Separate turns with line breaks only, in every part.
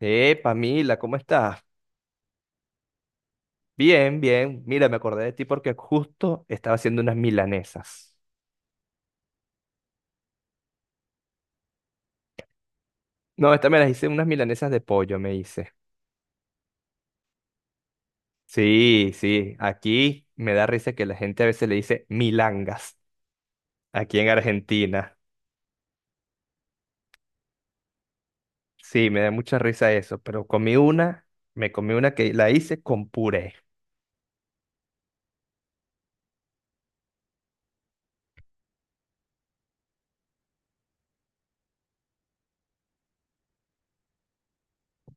Pamila, ¿cómo estás? Bien, bien. Mira, me acordé de ti porque justo estaba haciendo unas milanesas. No, esta me las hice unas milanesas de pollo, me hice. Sí, sí. Aquí me da risa que la gente a veces le dice milangas, aquí en Argentina. Sí, me da mucha risa eso, pero comí una, me comí una que la hice con puré.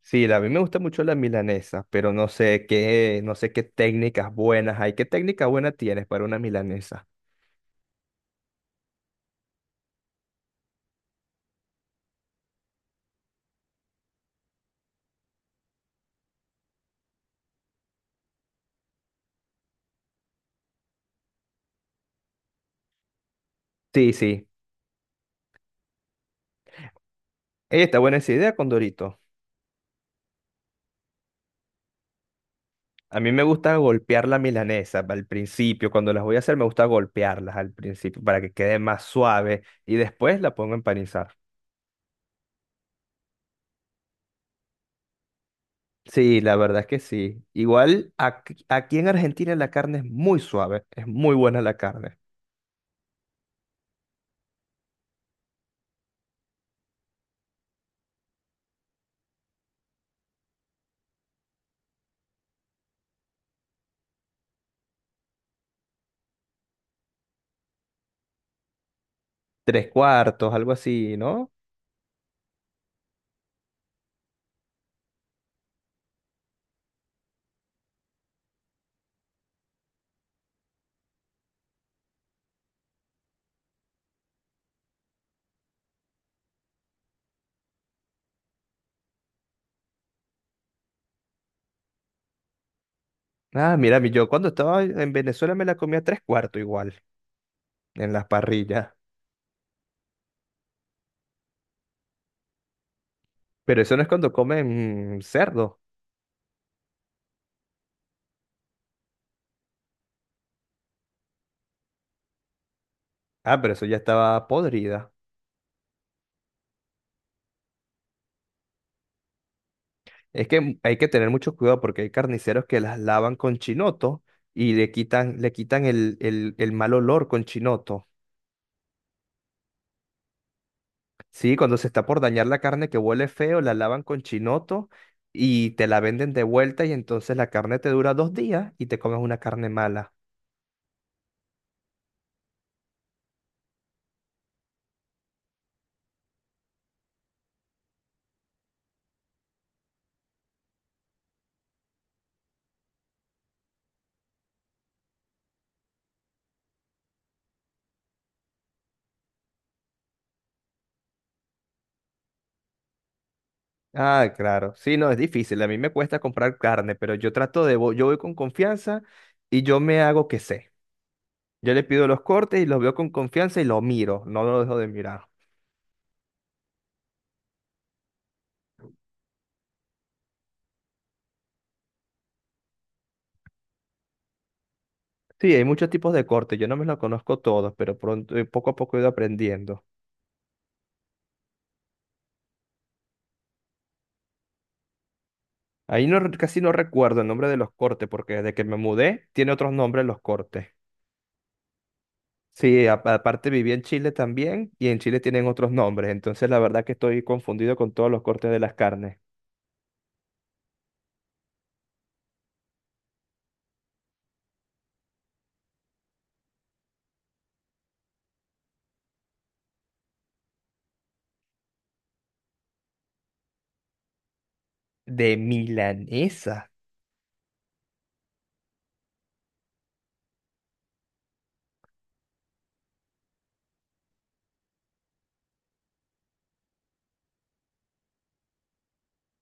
Sí, a mí me gusta mucho la milanesa, pero no sé qué técnicas buenas hay. ¿Qué técnica buena tienes para una milanesa? Sí, sí. Ey, está buena esa idea con Dorito. A mí me gusta golpear la milanesa al principio. Cuando las voy a hacer, me gusta golpearlas al principio para que quede más suave y después la pongo a empanizar. Sí, la verdad es que sí. Igual aquí, aquí en Argentina la carne es muy suave, es muy buena la carne. Tres cuartos, algo así, ¿no? Ah, mira, yo cuando estaba en Venezuela me la comía tres cuartos igual, en las parrillas. Pero eso no es cuando comen cerdo. Ah, pero eso ya estaba podrida. Es que hay que tener mucho cuidado porque hay carniceros que las lavan con chinoto y le quitan el mal olor con chinoto. Sí, cuando se está por dañar la carne que huele feo, la lavan con chinoto y te la venden de vuelta y entonces la carne te dura 2 días y te comes una carne mala. Ah, claro. Sí, no, es difícil. A mí me cuesta comprar carne, pero yo trato de, yo voy con confianza y yo me hago que sé. Yo le pido los cortes y los veo con confianza y lo miro, no lo dejo de mirar. Sí, hay muchos tipos de cortes, yo no me los conozco todos, pero pronto, poco a poco he ido aprendiendo. Ahí no, casi no recuerdo el nombre de los cortes, porque desde que me mudé tiene otros nombres los cortes. Sí, aparte viví en Chile también y en Chile tienen otros nombres, entonces la verdad que estoy confundido con todos los cortes de las carnes. De milanesa.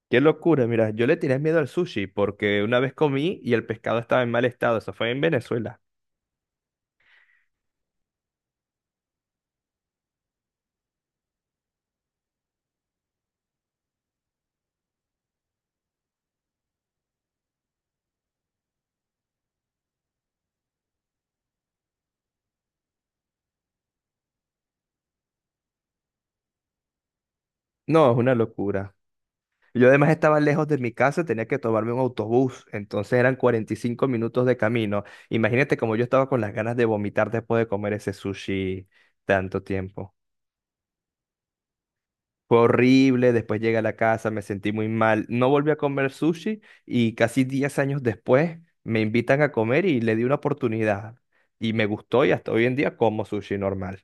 Qué locura, mira, yo le tenía miedo al sushi porque una vez comí y el pescado estaba en mal estado, eso fue en Venezuela. No, es una locura. Yo además estaba lejos de mi casa, tenía que tomarme un autobús, entonces eran 45 minutos de camino. Imagínate como yo estaba con las ganas de vomitar después de comer ese sushi tanto tiempo. Fue horrible, después llegué a la casa, me sentí muy mal, no volví a comer sushi y casi 10 años después me invitan a comer y le di una oportunidad y me gustó y hasta hoy en día como sushi normal.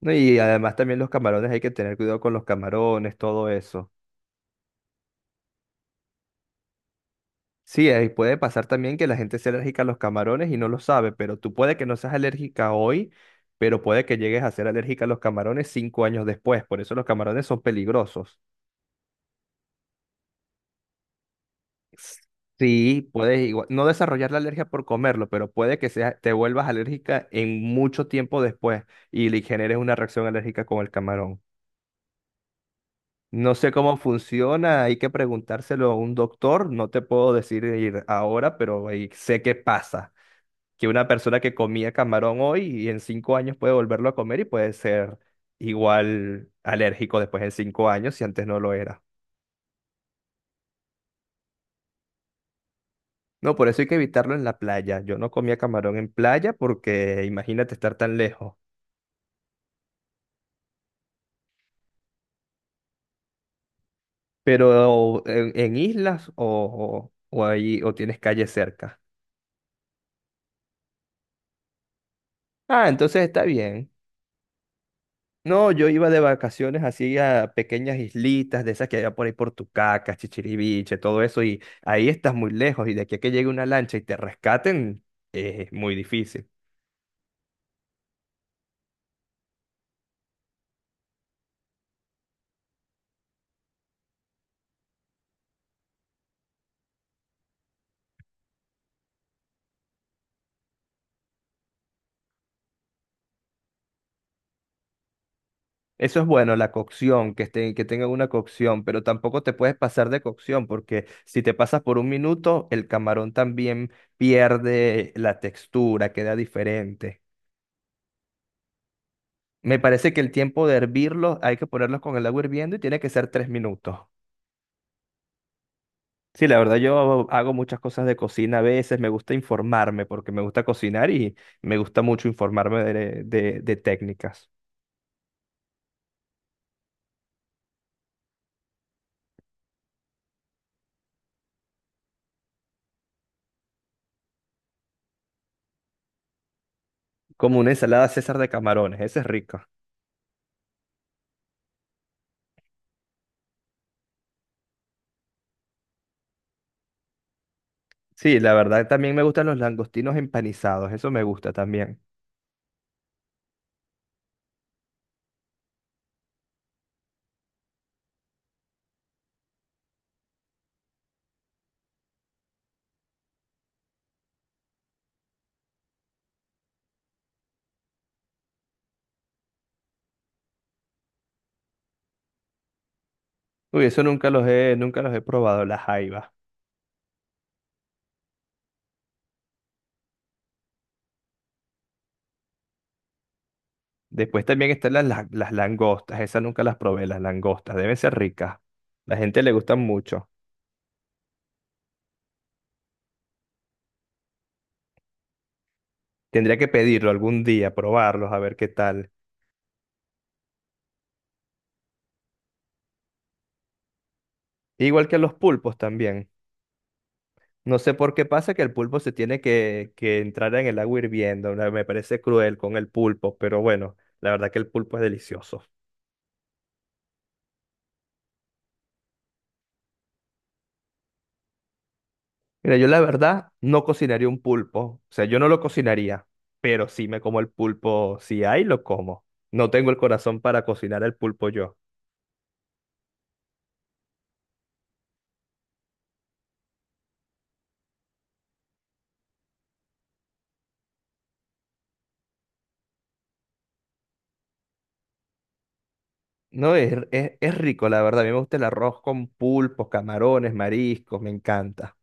¿No? Y además también los camarones, hay que tener cuidado con los camarones, todo eso. Sí, ahí puede pasar también que la gente sea alérgica a los camarones y no lo sabe, pero tú puede que no seas alérgica hoy, pero puede que llegues a ser alérgica a los camarones 5 años después. Por eso los camarones son peligrosos. Sí, puedes igual- no desarrollar la alergia por comerlo, pero puede que sea, te vuelvas alérgica en mucho tiempo después y le generes una reacción alérgica con el camarón. No sé cómo funciona, hay que preguntárselo a un doctor, no te puedo decir ahora, pero ahí sé qué pasa. Que una persona que comía camarón hoy y en 5 años puede volverlo a comer y puede ser igual alérgico después en 5 años si antes no lo era. No, por eso hay que evitarlo en la playa. Yo no comía camarón en playa porque imagínate estar tan lejos. Pero en islas o ahí o tienes calle cerca. Ah, entonces está bien. No, yo iba de vacaciones así a pequeñas islitas de esas que había por ahí por Tucacas, Chichiriviche, todo eso, y ahí estás muy lejos, y de aquí a que llegue una lancha y te rescaten, es muy difícil. Eso es bueno, la cocción, que estén, que tengan una cocción, pero tampoco te puedes pasar de cocción, porque si te pasas por un minuto, el camarón también pierde la textura, queda diferente. Me parece que el tiempo de hervirlos hay que ponerlos con el agua hirviendo y tiene que ser 3 minutos. Sí, la verdad yo hago muchas cosas de cocina a veces, me gusta informarme porque me gusta cocinar y me gusta mucho informarme de técnicas. Como una ensalada César de camarones, esa es rica. Sí, la verdad también me gustan los langostinos empanizados, eso me gusta también. Uy, eso nunca los he, nunca los he probado, las jaivas. Después también están las, langostas, esas nunca las probé, las langostas, deben ser ricas. La gente le gustan mucho. Tendría que pedirlo algún día, probarlos, a ver qué tal. Igual que los pulpos también. No sé por qué pasa que el pulpo se tiene que entrar en el agua hirviendo. ¿No? Me parece cruel con el pulpo, pero bueno, la verdad que el pulpo es delicioso. Mira, yo la verdad no cocinaría un pulpo. O sea, yo no lo cocinaría, pero sí me como el pulpo. Si hay, lo como. No tengo el corazón para cocinar el pulpo yo. No, es rico, la verdad. A mí me gusta el arroz con pulpos, camarones, mariscos, me encanta.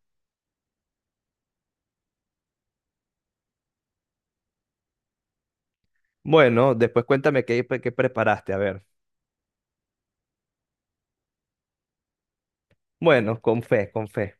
Bueno, después cuéntame qué preparaste. A ver. Bueno, con fe, con fe.